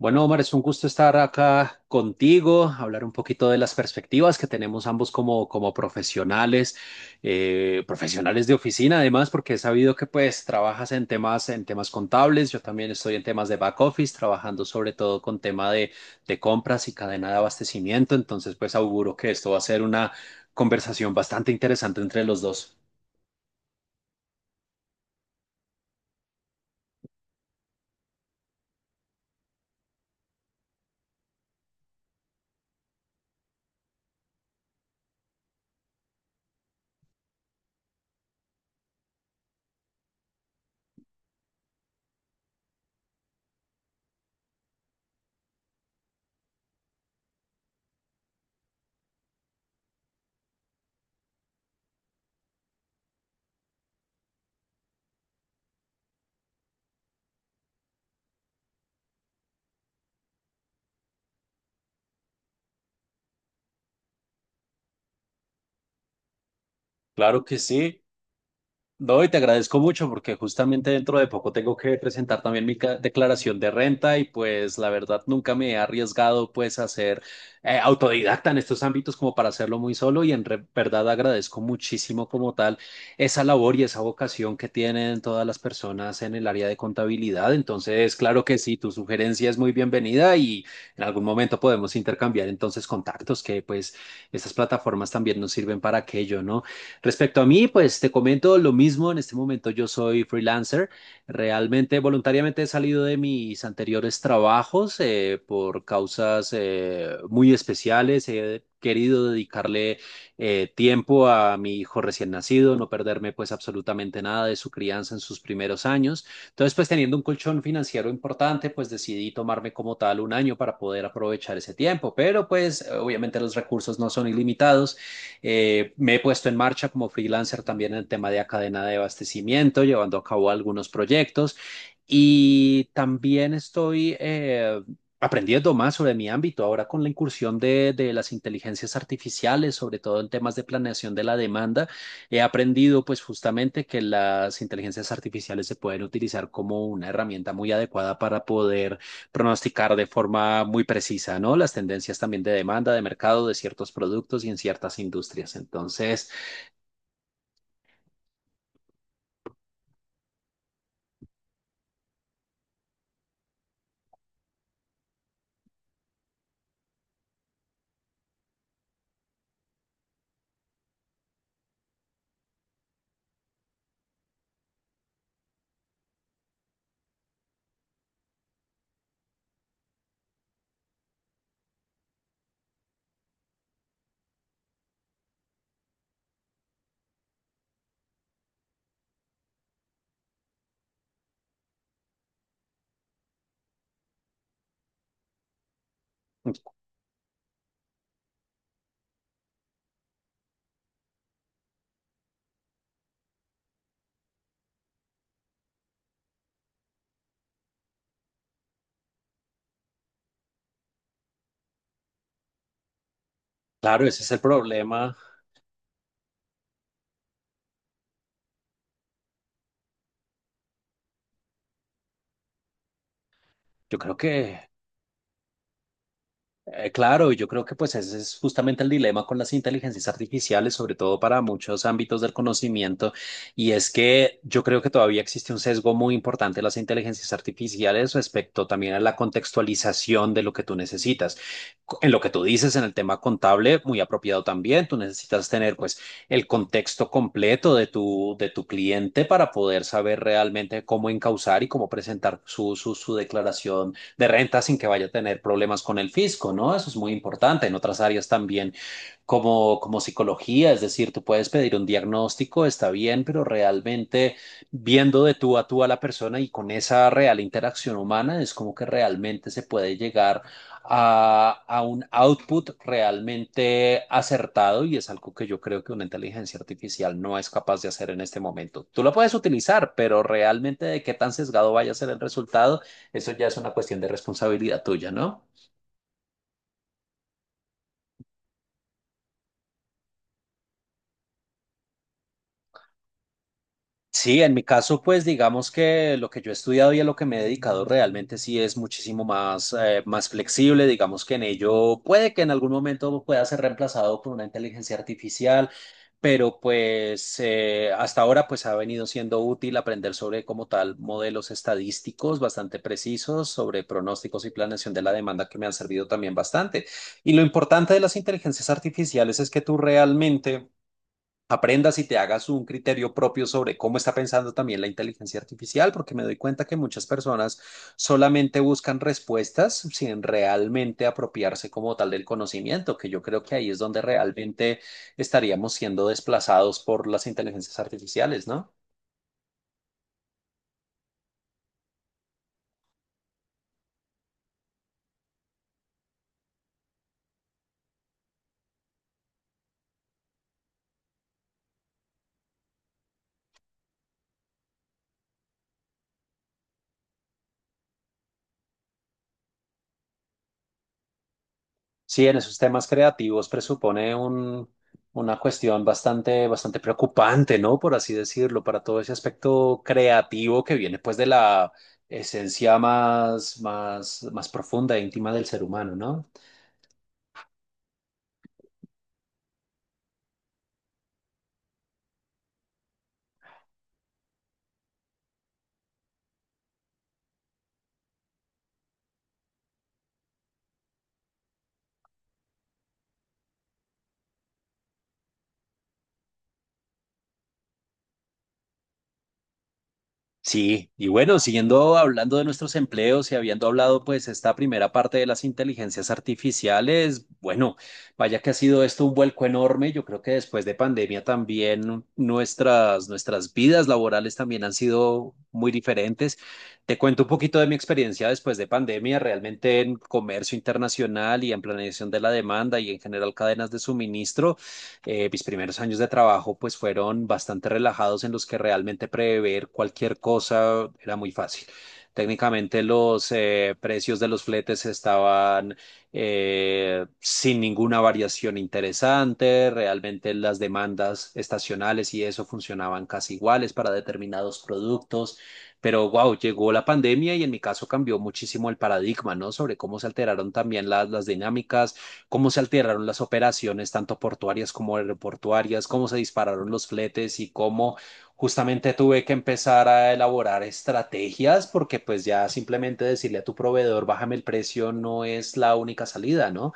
Bueno, Omar, es un gusto estar acá contigo, hablar un poquito de las perspectivas que tenemos ambos como profesionales, profesionales de oficina, además, porque he sabido que pues trabajas en temas contables, yo también estoy en temas de back office, trabajando sobre todo con de compras y cadena de abastecimiento, entonces pues auguro que esto va a ser una conversación bastante interesante entre los dos. Claro que sí. No, y te agradezco mucho porque justamente dentro de poco tengo que presentar también mi declaración de renta y pues la verdad nunca me he arriesgado pues a ser autodidacta en estos ámbitos como para hacerlo muy solo y en verdad agradezco muchísimo como tal esa labor y esa vocación que tienen todas las personas en el área de contabilidad. Entonces, claro que sí, tu sugerencia es muy bienvenida y en algún momento podemos intercambiar entonces contactos que pues estas plataformas también nos sirven para aquello, ¿no? Respecto a mí, pues te comento lo mismo. En este momento yo soy freelancer. Realmente, voluntariamente he salido de mis anteriores trabajos por causas muy especiales. He querido dedicarle tiempo a mi hijo recién nacido, no perderme pues absolutamente nada de su crianza en sus primeros años. Entonces, pues teniendo un colchón financiero importante, pues decidí tomarme como tal un año para poder aprovechar ese tiempo. Pero pues obviamente los recursos no son ilimitados. Me he puesto en marcha como freelancer también en el tema de cadena de abastecimiento, llevando a cabo algunos proyectos y también estoy aprendiendo más sobre mi ámbito ahora con la de las inteligencias artificiales, sobre todo en temas de planeación de la demanda, he aprendido pues justamente que las inteligencias artificiales se pueden utilizar como una herramienta muy adecuada para poder pronosticar de forma muy precisa, ¿no? Las tendencias también de demanda, de mercado, de ciertos productos y en ciertas industrias. Entonces, claro, ese es el problema. Yo creo que Claro, yo creo que pues ese es justamente el dilema con las inteligencias artificiales, sobre todo para muchos ámbitos del conocimiento, y es que yo creo que todavía existe un sesgo muy importante de las inteligencias artificiales respecto también a la contextualización de lo que tú necesitas. En lo que tú dices en el tema contable, muy apropiado también, tú necesitas tener pues el contexto completo de tu cliente para poder saber realmente cómo encauzar y cómo presentar su declaración de renta sin que vaya a tener problemas con el fisco, ¿no? Eso es muy importante. En otras áreas también como psicología, es decir, tú puedes pedir un diagnóstico, está bien, pero realmente viendo de tú a tú a la persona y con esa real interacción humana es como que realmente se puede llegar a un output realmente acertado y es algo que yo creo que una inteligencia artificial no es capaz de hacer en este momento. Tú lo puedes utilizar, pero realmente de qué tan sesgado vaya a ser el resultado, eso ya es una cuestión de responsabilidad tuya, ¿no? Sí, en mi caso, pues digamos que lo que yo he estudiado y a lo que me he dedicado realmente sí es muchísimo más, más flexible. Digamos que en ello puede que en algún momento pueda ser reemplazado por una inteligencia artificial, pero pues hasta ahora pues ha venido siendo útil aprender sobre como tal modelos estadísticos bastante precisos, sobre pronósticos y planeación de la demanda que me han servido también bastante. Y lo importante de las inteligencias artificiales es que tú realmente aprendas y te hagas un criterio propio sobre cómo está pensando también la inteligencia artificial, porque me doy cuenta que muchas personas solamente buscan respuestas sin realmente apropiarse como tal del conocimiento, que yo creo que ahí es donde realmente estaríamos siendo desplazados por las inteligencias artificiales, ¿no? Sí, en esos temas creativos presupone una cuestión bastante preocupante, ¿no? Por así decirlo, para todo ese aspecto creativo que viene pues de la esencia más profunda e íntima del ser humano, ¿no? Sí, y bueno, siguiendo hablando de nuestros empleos y habiendo hablado pues esta primera parte de las inteligencias artificiales, bueno, vaya que ha sido esto un vuelco enorme. Yo creo que después de pandemia también nuestras vidas laborales también han sido muy diferentes. Te cuento un poquito de mi experiencia después de pandemia, realmente en comercio internacional y en planeación de la demanda y en general cadenas de suministro mis primeros años de trabajo pues fueron bastante relajados en los que realmente prever cualquier cosa era muy fácil. Técnicamente los precios de los fletes estaban sin ninguna variación interesante, realmente las demandas estacionales y eso funcionaban casi iguales para determinados productos, pero wow, llegó la pandemia y en mi caso cambió muchísimo el paradigma, ¿no? Sobre cómo se alteraron también las dinámicas, cómo se alteraron las operaciones, tanto portuarias como aeroportuarias, cómo se dispararon los fletes y cómo justamente tuve que empezar a elaborar estrategias porque pues ya simplemente decirle a tu proveedor, bájame el precio, no es la única salida, ¿no?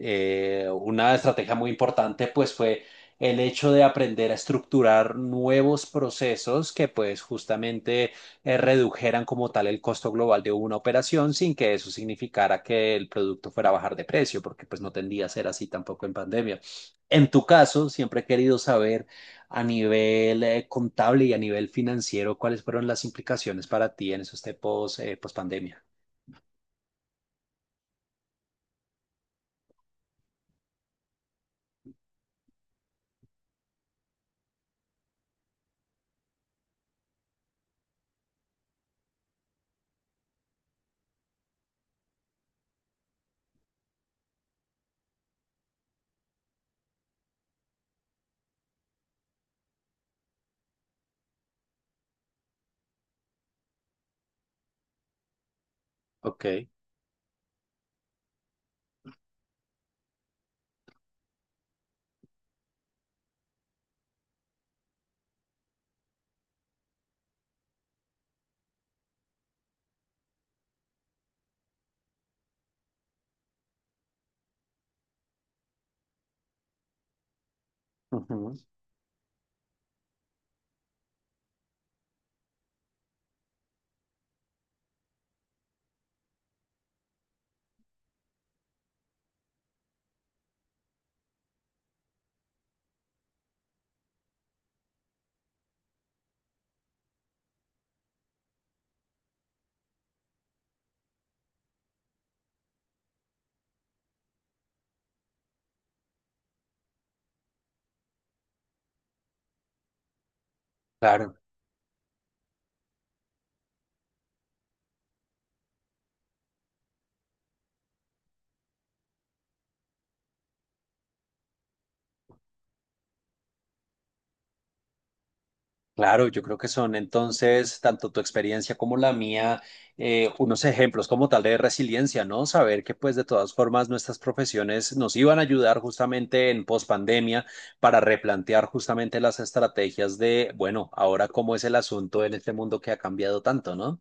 Una estrategia muy importante pues fue el hecho de aprender a estructurar nuevos procesos que pues justamente redujeran como tal el costo global de una operación sin que eso significara que el producto fuera a bajar de precio, porque pues no tendía a ser así tampoco en pandemia. En tu caso, siempre he querido saber a nivel contable y a nivel financiero cuáles fueron las implicaciones para ti en esos tiempos post pandemia. Ok. Ujú. Claro. Claro, yo creo que son entonces, tanto tu experiencia como la mía, unos ejemplos como tal de resiliencia, ¿no? Saber que pues de todas formas nuestras profesiones nos iban a ayudar justamente en pospandemia para replantear justamente las estrategias de, bueno, ahora cómo es el asunto en este mundo que ha cambiado tanto, ¿no?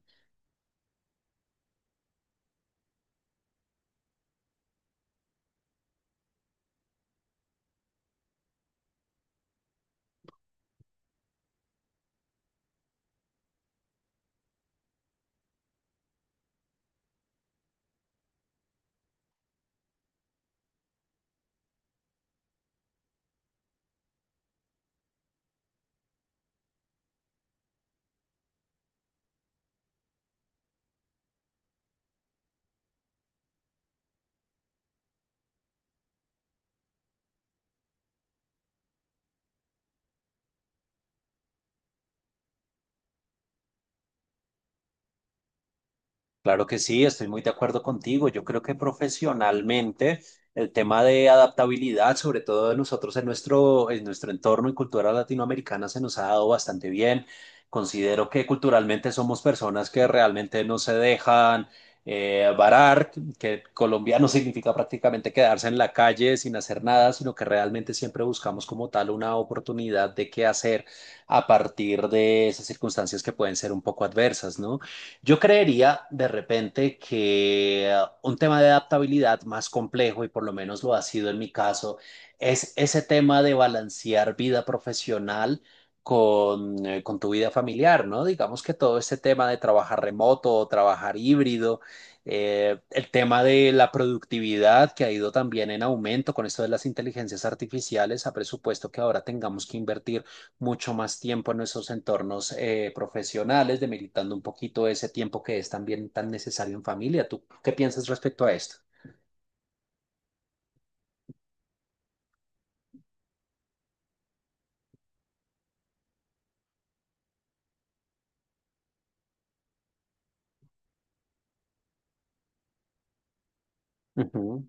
Claro que sí, estoy muy de acuerdo contigo. Yo creo que profesionalmente el tema de adaptabilidad, sobre todo de nosotros en en nuestro entorno y cultura latinoamericana, se nos ha dado bastante bien. Considero que culturalmente somos personas que realmente no se dejan varar, que colombiano significa prácticamente quedarse en la calle sin hacer nada, sino que realmente siempre buscamos como tal una oportunidad de qué hacer a partir de esas circunstancias que pueden ser un poco adversas, ¿no? Yo creería de repente que un tema de adaptabilidad más complejo, y por lo menos lo ha sido en mi caso, es ese tema de balancear vida profesional con tu vida familiar, ¿no? Digamos que todo ese tema de trabajar remoto o trabajar híbrido, el tema de la productividad que ha ido también en aumento con esto de las inteligencias artificiales, ha presupuesto que ahora tengamos que invertir mucho más tiempo en nuestros entornos profesionales, demeritando un poquito ese tiempo que es también tan necesario en familia. ¿Tú qué piensas respecto a esto? Ujú,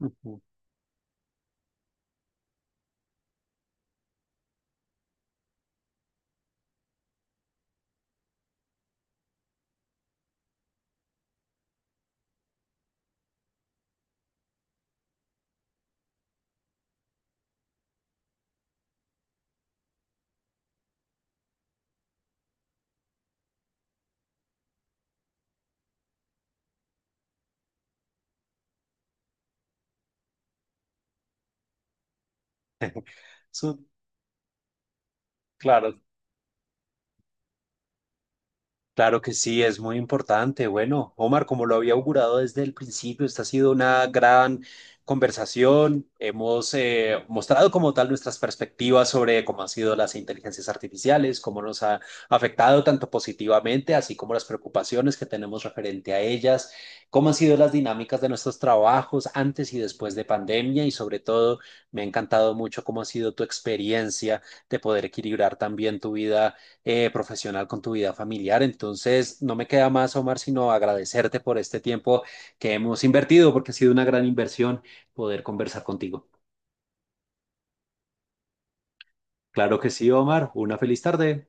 ujú. Su- claro. Claro que sí, es muy importante. Bueno, Omar, como lo había augurado desde el principio, esta ha sido una gran conversación. Hemos mostrado como tal nuestras perspectivas sobre cómo han sido las inteligencias artificiales, cómo nos ha afectado tanto positivamente, así como las preocupaciones que tenemos referente a ellas, cómo han sido las dinámicas de nuestros trabajos antes y después de pandemia y sobre todo me ha encantado mucho cómo ha sido tu experiencia de poder equilibrar también tu vida profesional, con tu vida familiar. Entonces, no me queda más, Omar, sino agradecerte por este tiempo que hemos invertido, porque ha sido una gran inversión poder conversar contigo. Claro que sí, Omar. Una feliz tarde.